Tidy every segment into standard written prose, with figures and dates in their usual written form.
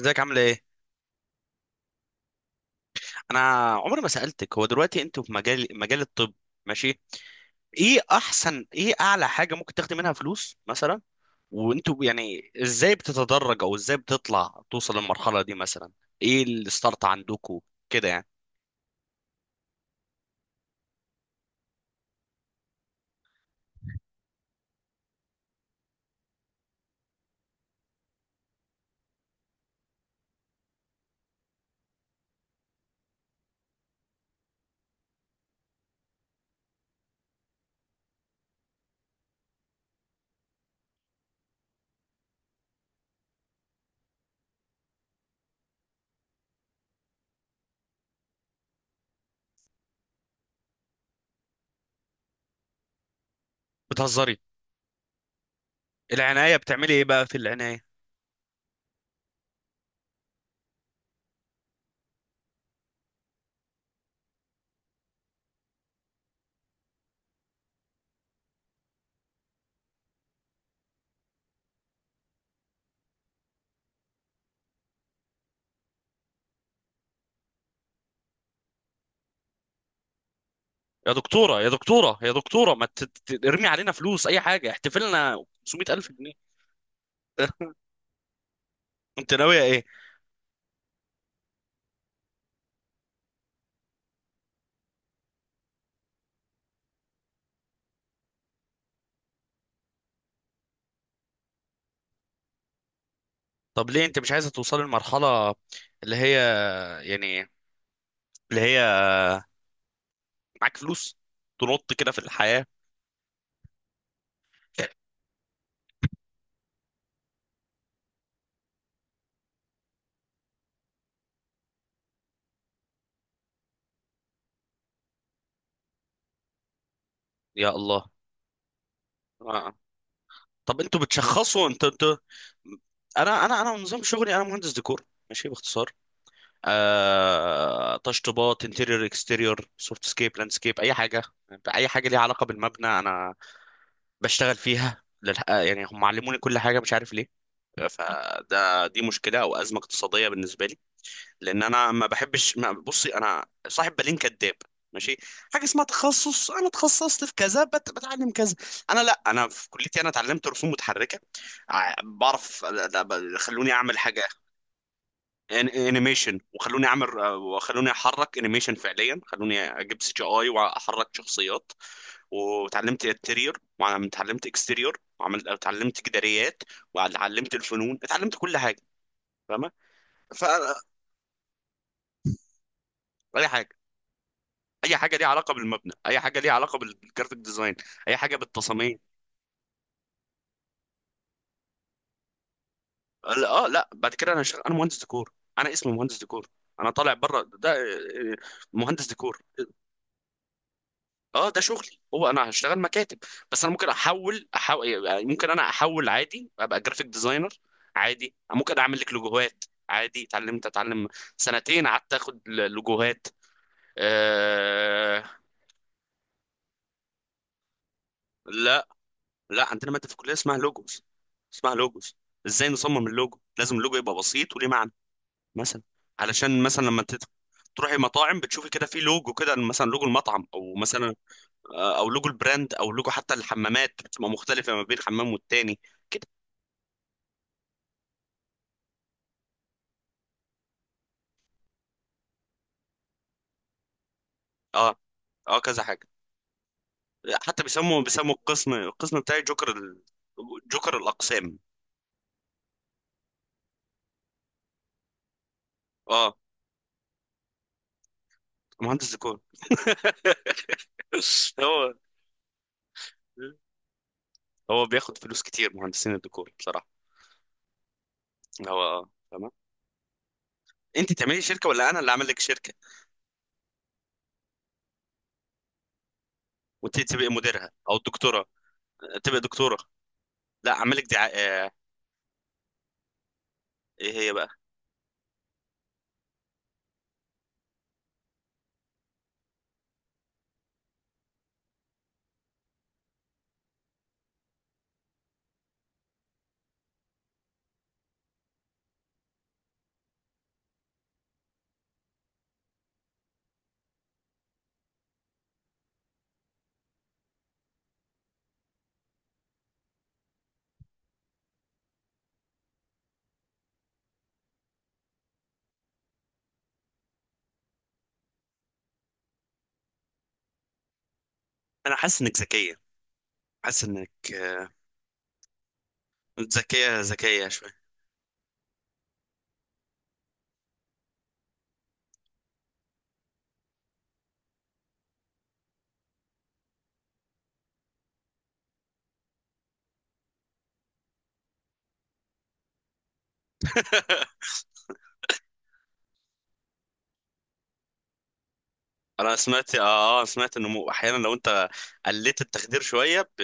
ازيك، عامله ايه؟ انا عمري ما سالتك. هو دلوقتي انتوا في مجال الطب؟ ماشي. ايه اعلى حاجه ممكن تاخدي منها فلوس مثلا؟ وانتوا يعني ازاي بتتدرج او ازاي بتطلع توصل للمرحله دي مثلا؟ ايه الستارت عندكوا كده يعني؟ بتهزري؟ العنايه بتعملي ايه بقى في العنايه؟ يا دكتوره يا دكتوره يا دكتوره، ما ترمي علينا فلوس. اي حاجه احتفلنا 500,000 جنيه. اه. انت ناويه ايه؟ طب ليه انت مش عايزه توصلي لمرحله، اللي هي يعني اللي هي معاك فلوس تنط كده في الحياة؟ يا الله. آه. طب انتوا بتشخصوا؟ انت؟ انا نظام شغلي انا مهندس ديكور. ماشي، باختصار. تشطيبات، انتيريور، اكستيريور، سوفت سكيب، لاند سكيب، اي حاجه. اي حاجه ليها علاقه بالمبنى انا بشتغل فيها يعني هم علموني كل حاجه، مش عارف ليه. دي مشكله او ازمه اقتصاديه بالنسبه لي، لان انا ما بحبش ما بصي، انا صاحب بالين كذاب. ماشي. حاجه اسمها تخصص، انا اتخصصت في كذا، بتعلم كذا. انا، لا، انا في كليتي انا اتعلمت رسوم متحركه. بعرف، خلوني اعمل حاجه. انيميشن، وخلوني اعمل وخلوني احرك انيميشن فعليا، خلوني اجيب سي جي اي واحرك شخصيات. وتعلمت انتيريور، وتعلمت اكستيريور، اتعلمت جداريات، وتعلمت الفنون، اتعلمت كل حاجه. فاهمه؟ فاي حاجه، اي حاجه ليها علاقه بالمبنى، اي حاجه ليها علاقه بالجرافيك ديزاين، اي حاجه بالتصاميم. لا، بعد كده انا هشتغل، انا مهندس ديكور. انا اسمي مهندس ديكور. انا طالع بره ده، مهندس ديكور. اه، ده شغلي، هو انا هشتغل مكاتب. بس انا ممكن احول يعني، ممكن انا احول عادي ابقى جرافيك ديزاينر. عادي ممكن اعمل لك لوجوهات. عادي، اتعلمت، سنتين قعدت اخد لوجوهات. آه... لا، لا عندنا ماده في الكليه اسمها لوجوز، اسمها لوجوس. ازاي نصمم اللوجو؟ لازم اللوجو يبقى بسيط وليه معنى. مثلا، علشان مثلا لما تروحي مطاعم بتشوفي كده في لوجو، كده مثلا لوجو المطعم، او مثلا او لوجو البراند، او لوجو حتى الحمامات بتبقى مختلفه ما بين حمام والتاني كده. اه، اه، كذا حاجه. حتى بيسموا القسم بتاعي جوكر جوكر الاقسام. اه، مهندس ديكور. هو هو بياخد فلوس كتير مهندسين الديكور، بصراحه. هو، تمام. انت تعملي شركه ولا انا اللي اعمل لك شركه؟ وانت تبقي مديرها او الدكتوره؟ تبقي دكتوره. لا، اعمل لك دعايه. اه، ايه هي بقى؟ انا حاسس انك ذكيه. حاسس انك، ذكيه، ذكيه شويه. انا سمعت، سمعت انه احيانا لو انت قلت التخدير شويه، ب...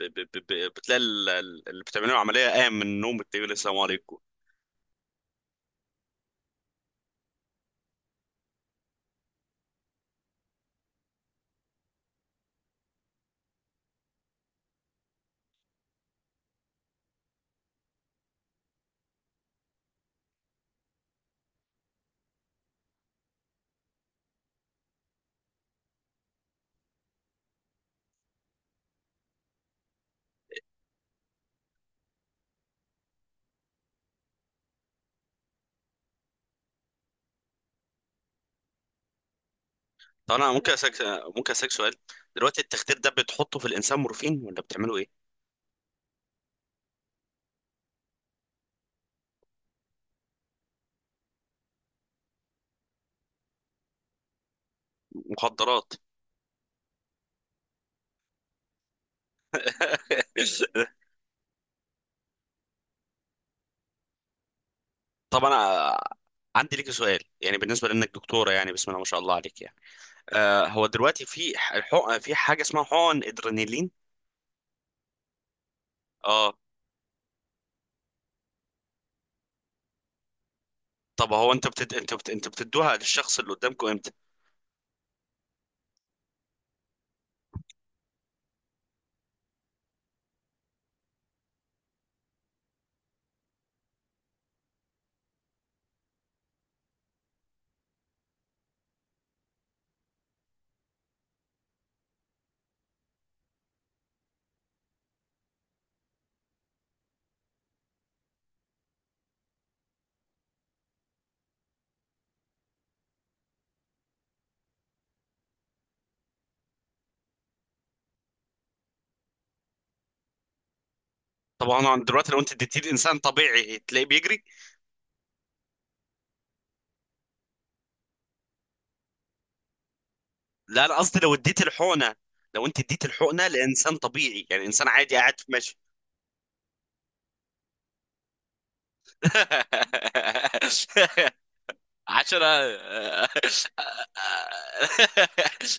ب... ب... ب... ب- بتلاقي اللي بتعمله عمليه قام من النوم بتقول السلام عليكم. طب انا ممكن اسالك سؤال؟ دلوقتي التخدير ده بتحطه في الانسان مورفين ولا بتعمله ايه؟ مخدرات. طب انا عندي لك سؤال، يعني بالنسبه لانك دكتوره، يعني بسم الله ما شاء الله عليك، يعني آه، هو دلوقتي في الحق في حاجه اسمها حقن ادرينالين؟ اه. طب هو انت انت بتدوها للشخص اللي قدامكم امتى؟ طبعا انا دلوقتي لو انت اديتيه لانسان طبيعي تلاقيه بيجري. لا، انا قصدي لو انت اديت الحقنه لانسان طبيعي، يعني انسان عادي قاعد في ماشي. عشان.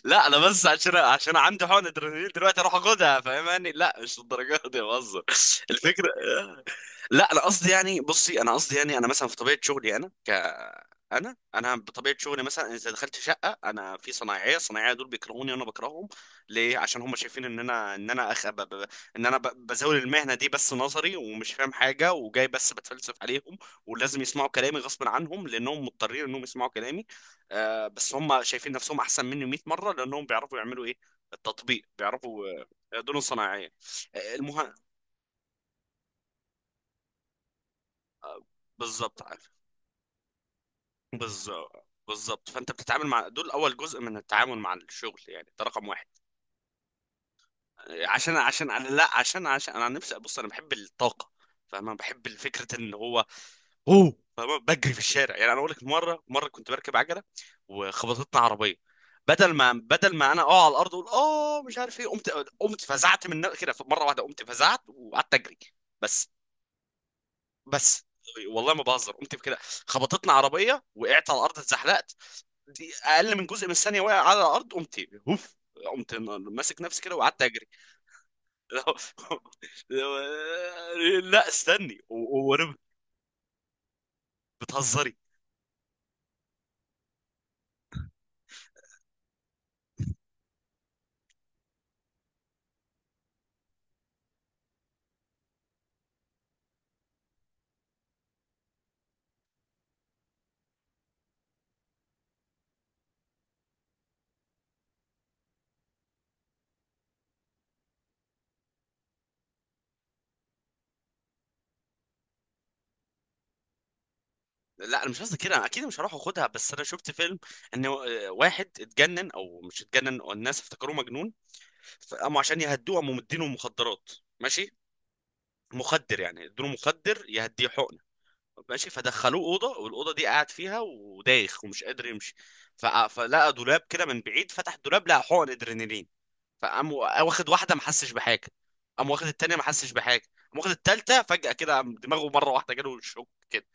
لا، انا بس عشان عندي حقن ادرينالين دلوقتي اروح اخدها؟ فاهماني، لا، مش للدرجه دي، بهزر. الفكره، لا، انا قصدي يعني بصي، انا قصدي يعني انا مثلا في طبيعه شغلي، انا انا بطبيعه شغلي مثلا اذا دخلت شقه انا في صنايعيه دول بيكرهوني وانا بكرههم. ليه؟ عشان هم شايفين ان انا، ان انا بزاول المهنه دي بس نظري، ومش فاهم حاجه، وجاي بس بتفلسف عليهم، ولازم يسمعوا كلامي غصب عنهم لانهم مضطرين انهم يسمعوا كلامي. بس هم شايفين نفسهم احسن مني 100 مره لانهم بيعرفوا يعملوا ايه، التطبيق بيعرفوا. دول صناعيه. آه، المه... آه، بالظبط، عارف. بالظبط، بالظبط، فانت بتتعامل مع دول، اول جزء من التعامل مع الشغل يعني، ده رقم واحد. آه، عشان عشان أنا لا عشان عشان انا عن نفسي، بص، انا بحب الطاقه، فانا بحب فكره ان هو، اوه بجري في الشارع. يعني انا اقول لك، مره مره كنت بركب عجله وخبطتنا عربيه. بدل ما انا اقع على الارض اقول، مش عارف ايه، قمت. كده مره واحده قمت فزعت وقعدت اجري. بس بس، والله ما بهزر، قمت كده. خبطتنا عربيه، وقعت على الارض، اتزحلقت، دي اقل من جزء من الثانيه، واقع على الارض قمت، هوف، قمت ماسك نفسي كده، وقعدت اجري. لا، استني، وانا. بتهزري؟ لا، انا مش قصدي كده، انا اكيد مش هروح اخدها، بس انا شفت فيلم ان واحد اتجنن، او مش اتجنن والناس افتكروه مجنون، فقاموا عشان يهدوه، قاموا مدينه مخدرات، ماشي، مخدر يعني، ادوله مخدر يهديه حقنه، ماشي. فدخلوه اوضه، والاوضه دي قاعد فيها ودايخ ومش قادر يمشي، فلقى دولاب كده من بعيد، فتح الدولاب لقى حقن ادرينالين، فقام واخد واحده ما حسش بحاجه، قام واخد التانيه ما حسش بحاجه، قام واخد التالته فجاه كده قام دماغه مره واحده، جاله شوك كده.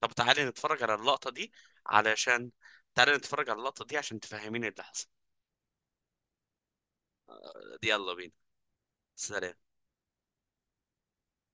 طب تعالي نتفرج على اللقطة دي، علشان عشان تفهميني اللي حصل. يلا بينا، سلام.